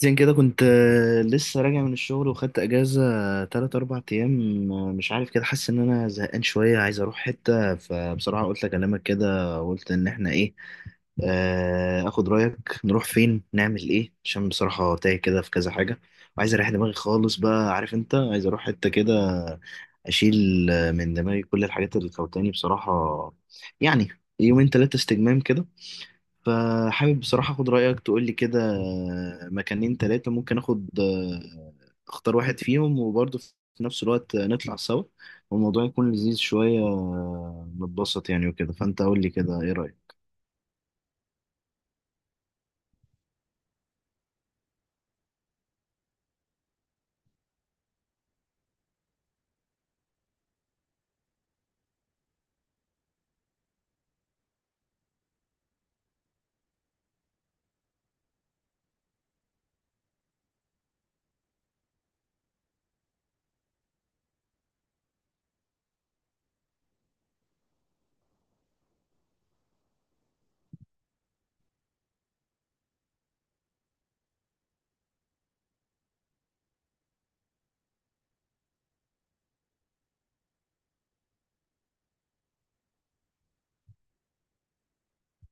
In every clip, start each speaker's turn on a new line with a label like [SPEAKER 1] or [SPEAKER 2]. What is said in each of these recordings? [SPEAKER 1] زين كده كنت لسه راجع من الشغل وخدت اجازه تلات اربع ايام، مش عارف كده حاسس ان انا زهقان شويه عايز اروح حته. فبصراحه قلت اكلمك كده وقلت ان احنا ايه، اخد رايك نروح فين نعمل ايه عشان بصراحه تايه كده في كذا حاجه وعايز اريح دماغي خالص. بقى عارف انت عايز اروح حته كده اشيل من دماغي كل الحاجات اللي كوتاني بصراحه، يعني يومين تلاتة استجمام كده. فحابب بصراحة اخد رأيك تقول لي كده مكانين تلاتة ممكن اخد، اختار واحد فيهم وبرضه في نفس الوقت نطلع سوا والموضوع يكون لذيذ شوية، نتبسط يعني وكده. فانت قول لي كده ايه رأيك.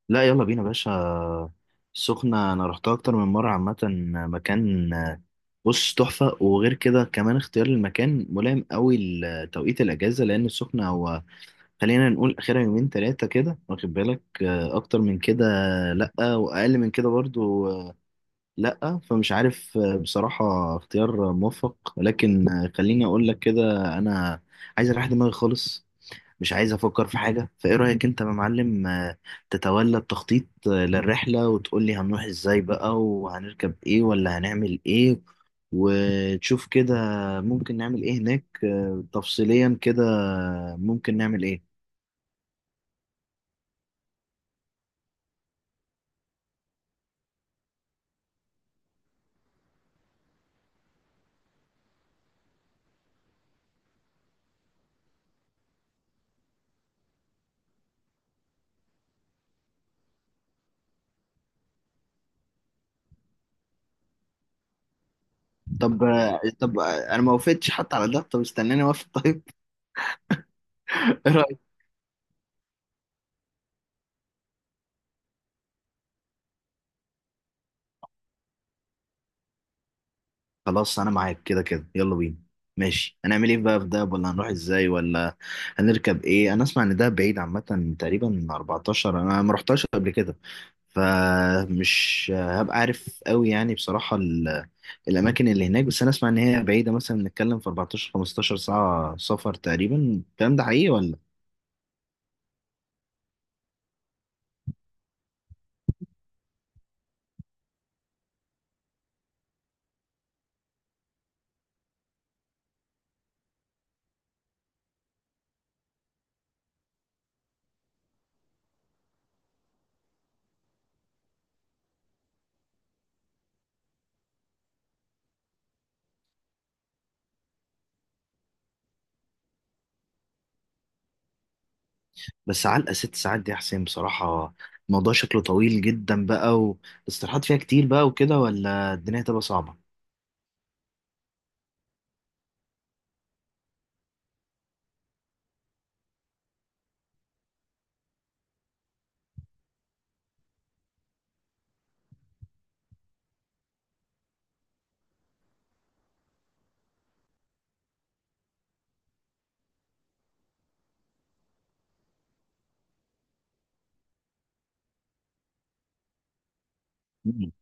[SPEAKER 1] لا يلا بينا يا باشا. السخنة انا رحتها اكتر من مرة عامة. مكان، بص، تحفة. وغير كده كمان اختيار المكان ملائم قوي لتوقيت الاجازة لان السخنة هو خلينا نقول اخرها يومين ثلاثه كده، واخد بالك اكتر من كده لا، واقل من كده برضو لا. فمش عارف، بصراحه اختيار موفق، لكن خليني اقول لك كده، انا عايز اريح دماغي خالص، مش عايز افكر في حاجه. فايه رايك انت يا معلم، تتولى التخطيط للرحله وتقول لي هنروح ازاي بقى وهنركب ايه ولا هنعمل ايه، وتشوف كده ممكن نعمل ايه هناك، تفصيليا كده ممكن نعمل ايه. طب طب انا ما وافقتش حتى على ده، طب استناني اوافق طيب. ايه رايك. خلاص انا معاك كده كده، يلا بينا. ماشي هنعمل ايه بقى في دهب، ولا هنروح ازاي، ولا هنركب ايه. انا اسمع ان دهب بعيد عامه، تقريبا 14، انا ما رحتهاش قبل كده فمش هبقى عارف قوي، يعني بصراحه الاماكن اللي هناك. بس انا اسمع ان هي بعيده، مثلا بنتكلم في 14 15 ساعه سفر تقريبا. الكلام ده حقيقي ولا؟ بس علقة ست ساعات دي يا حسين بصراحة، الموضوع شكله طويل جدا بقى. والاستراحات فيها كتير بقى وكده، ولا الدنيا هتبقى صعبة؟ مم.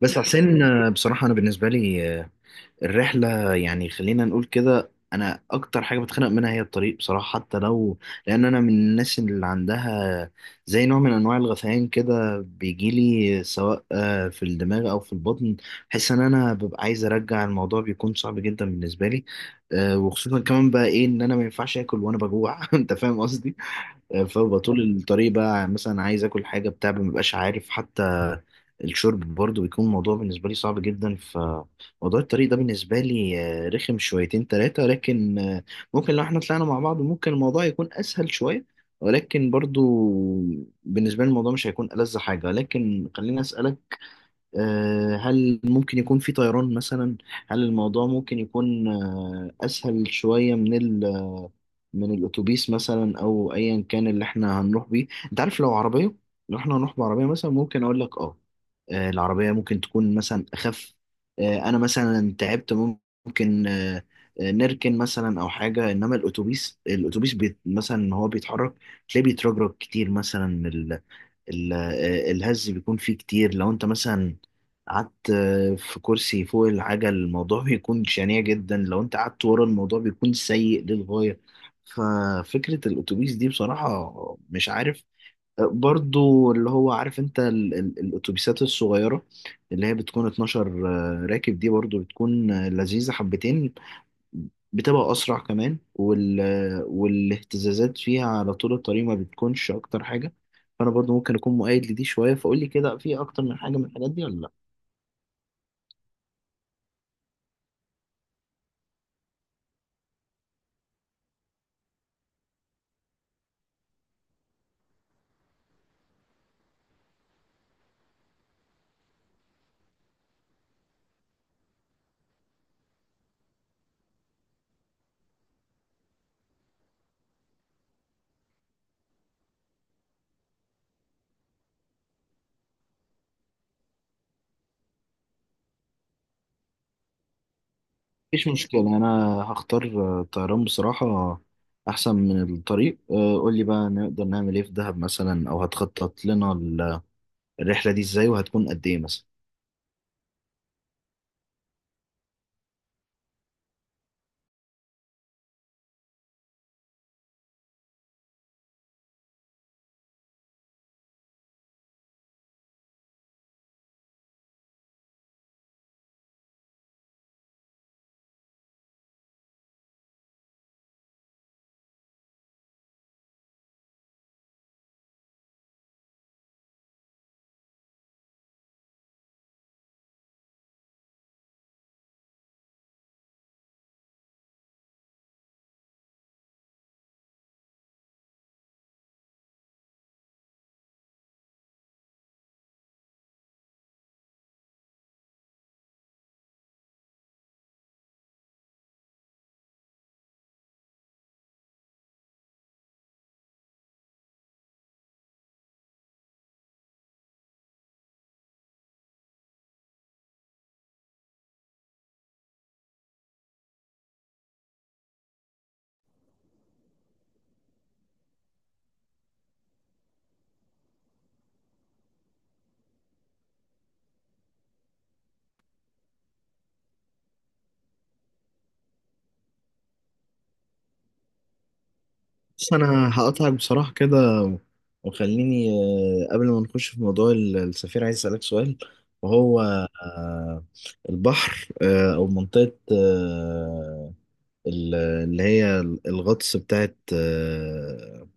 [SPEAKER 1] بس يا حسين، بصراحة أنا بالنسبة لي الرحلة يعني خلينا نقول كده، أنا أكتر حاجة بتخنق منها هي الطريق بصراحة، حتى لو. لأن أنا من الناس اللي عندها زي نوع من أنواع الغثيان كده بيجيلي، سواء في الدماغ أو في البطن. بحس إن أنا ببقى عايز أرجع، الموضوع بيكون صعب جدا بالنسبة لي. وخصوصا كمان بقى إيه إن أنا ما ينفعش آكل وأنا بجوع. أنت فاهم قصدي. فببقى طول الطريق بقى مثلا عايز اكل حاجه بتاع، ما ببقاش عارف حتى. الشرب برضو بيكون موضوع بالنسبه لي صعب جدا. فموضوع الطريق ده بالنسبه لي رخم شويتين ثلاثه، لكن ممكن لو احنا طلعنا مع بعض ممكن الموضوع يكون اسهل شويه. ولكن برضو بالنسبه لي الموضوع مش هيكون ألذ حاجه. لكن خليني اسالك، هل ممكن يكون في طيران مثلا؟ هل الموضوع ممكن يكون أسهل شوية من ال آه، من الأتوبيس مثلا أو أيا كان اللي إحنا هنروح بيه؟ أنت عارف لو عربية، لو إحنا هنروح بعربية مثلا ممكن أقول لك آه، العربية ممكن تكون مثلا أخف. أنا مثلا تعبت، ممكن نركن مثلا أو حاجة. إنما الأتوبيس، الأتوبيس مثلا هو بيتحرك، تلاقيه بيترجرج كتير مثلا. الهز بيكون فيه كتير، لو انت مثلا قعدت في كرسي فوق العجل الموضوع بيكون شنيع جدا. لو انت قعدت ورا، الموضوع بيكون سيء للغاية. ففكرة الأتوبيس دي بصراحة مش عارف. برضو اللي هو عارف انت الأتوبيسات الصغيرة اللي هي بتكون 12 راكب، دي برضو بتكون لذيذة حبتين، بتبقى أسرع كمان والاهتزازات فيها على طول الطريق ما بتكونش أكتر حاجة. فأنا برضو ممكن أكون مؤيد لدي شوية. فقول لي كده، في أكتر من حاجة من الحاجات دي ولا لأ؟ مفيش مشكلة، أنا هختار الطيران بصراحة، أحسن من الطريق. قول لي بقى نقدر نعمل إيه في دهب مثلا، أو هتخطط لنا الرحلة دي إزاي، وهتكون قد إيه مثلا؟ بس انا هقطعك بصراحه كده، وخليني قبل ما نخش في موضوع السفير عايز اسالك سؤال. وهو آه، البحر، او منطقه، اللي هي الغطس بتاعت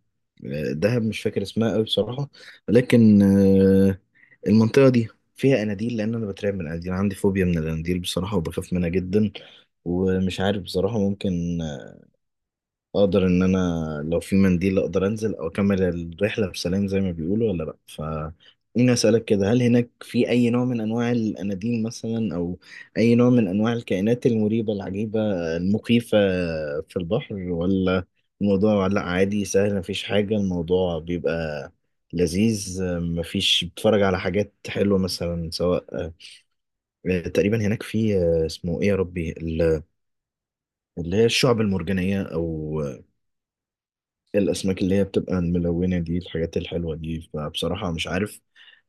[SPEAKER 1] دهب، مش فاكر اسمها قوي بصراحه. لكن المنطقه دي فيها اناديل؟ لان انا بترعب من الاناديل، عندي فوبيا من الاناديل بصراحه وبخاف منها جدا. ومش عارف بصراحه ممكن اقدر ان انا، لو في منديل اقدر انزل او اكمل الرحله بسلام زي ما بيقولوا ولا لا. ف خليني اسالك كده، هل هناك في اي نوع من انواع الاناديل مثلا، او اي نوع من انواع الكائنات المريبه العجيبه المخيفه في البحر؟ ولا الموضوع لا عادي سهل مفيش حاجه، الموضوع بيبقى لذيذ، مفيش، بتتفرج على حاجات حلوه مثلا. سواء تقريبا هناك في اسمه ايه يا ربي، اللي هي الشعب المرجانيه او الأسماك اللي هي بتبقى الملونة دي، الحاجات الحلوة دي. فبصراحة مش عارف،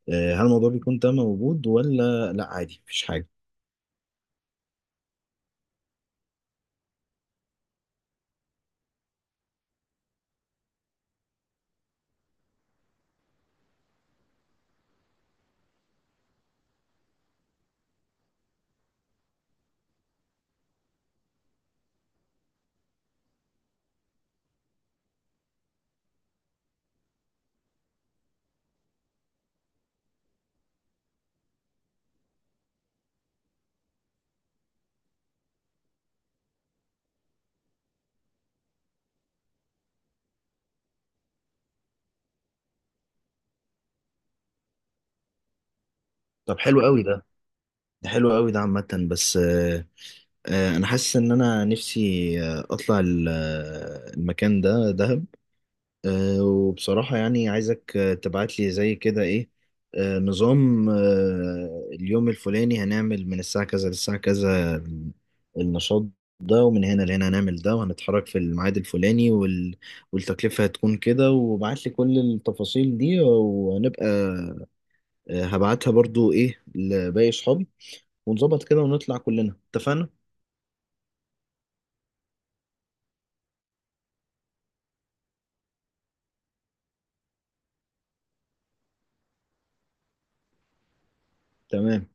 [SPEAKER 1] هل الموضوع بيكون ده موجود ولا لأ عادي مفيش حاجة؟ طب حلو قوي ده، ده حلو قوي ده عامة. بس أنا حاسس إن أنا نفسي أطلع المكان ده دهب. وبصراحة يعني عايزك، تبعت لي زي كده إيه، نظام، اليوم الفلاني هنعمل من الساعة كذا للساعة كذا النشاط ده، ومن هنا لهنا هنعمل ده، وهنتحرك في الميعاد الفلاني والتكلفة هتكون كده. وبعت لي كل التفاصيل دي، وهنبقى هبعتها برضو إيه لباقي صحابي ونظبط كده ونطلع كلنا. اتفقنا؟ تمام.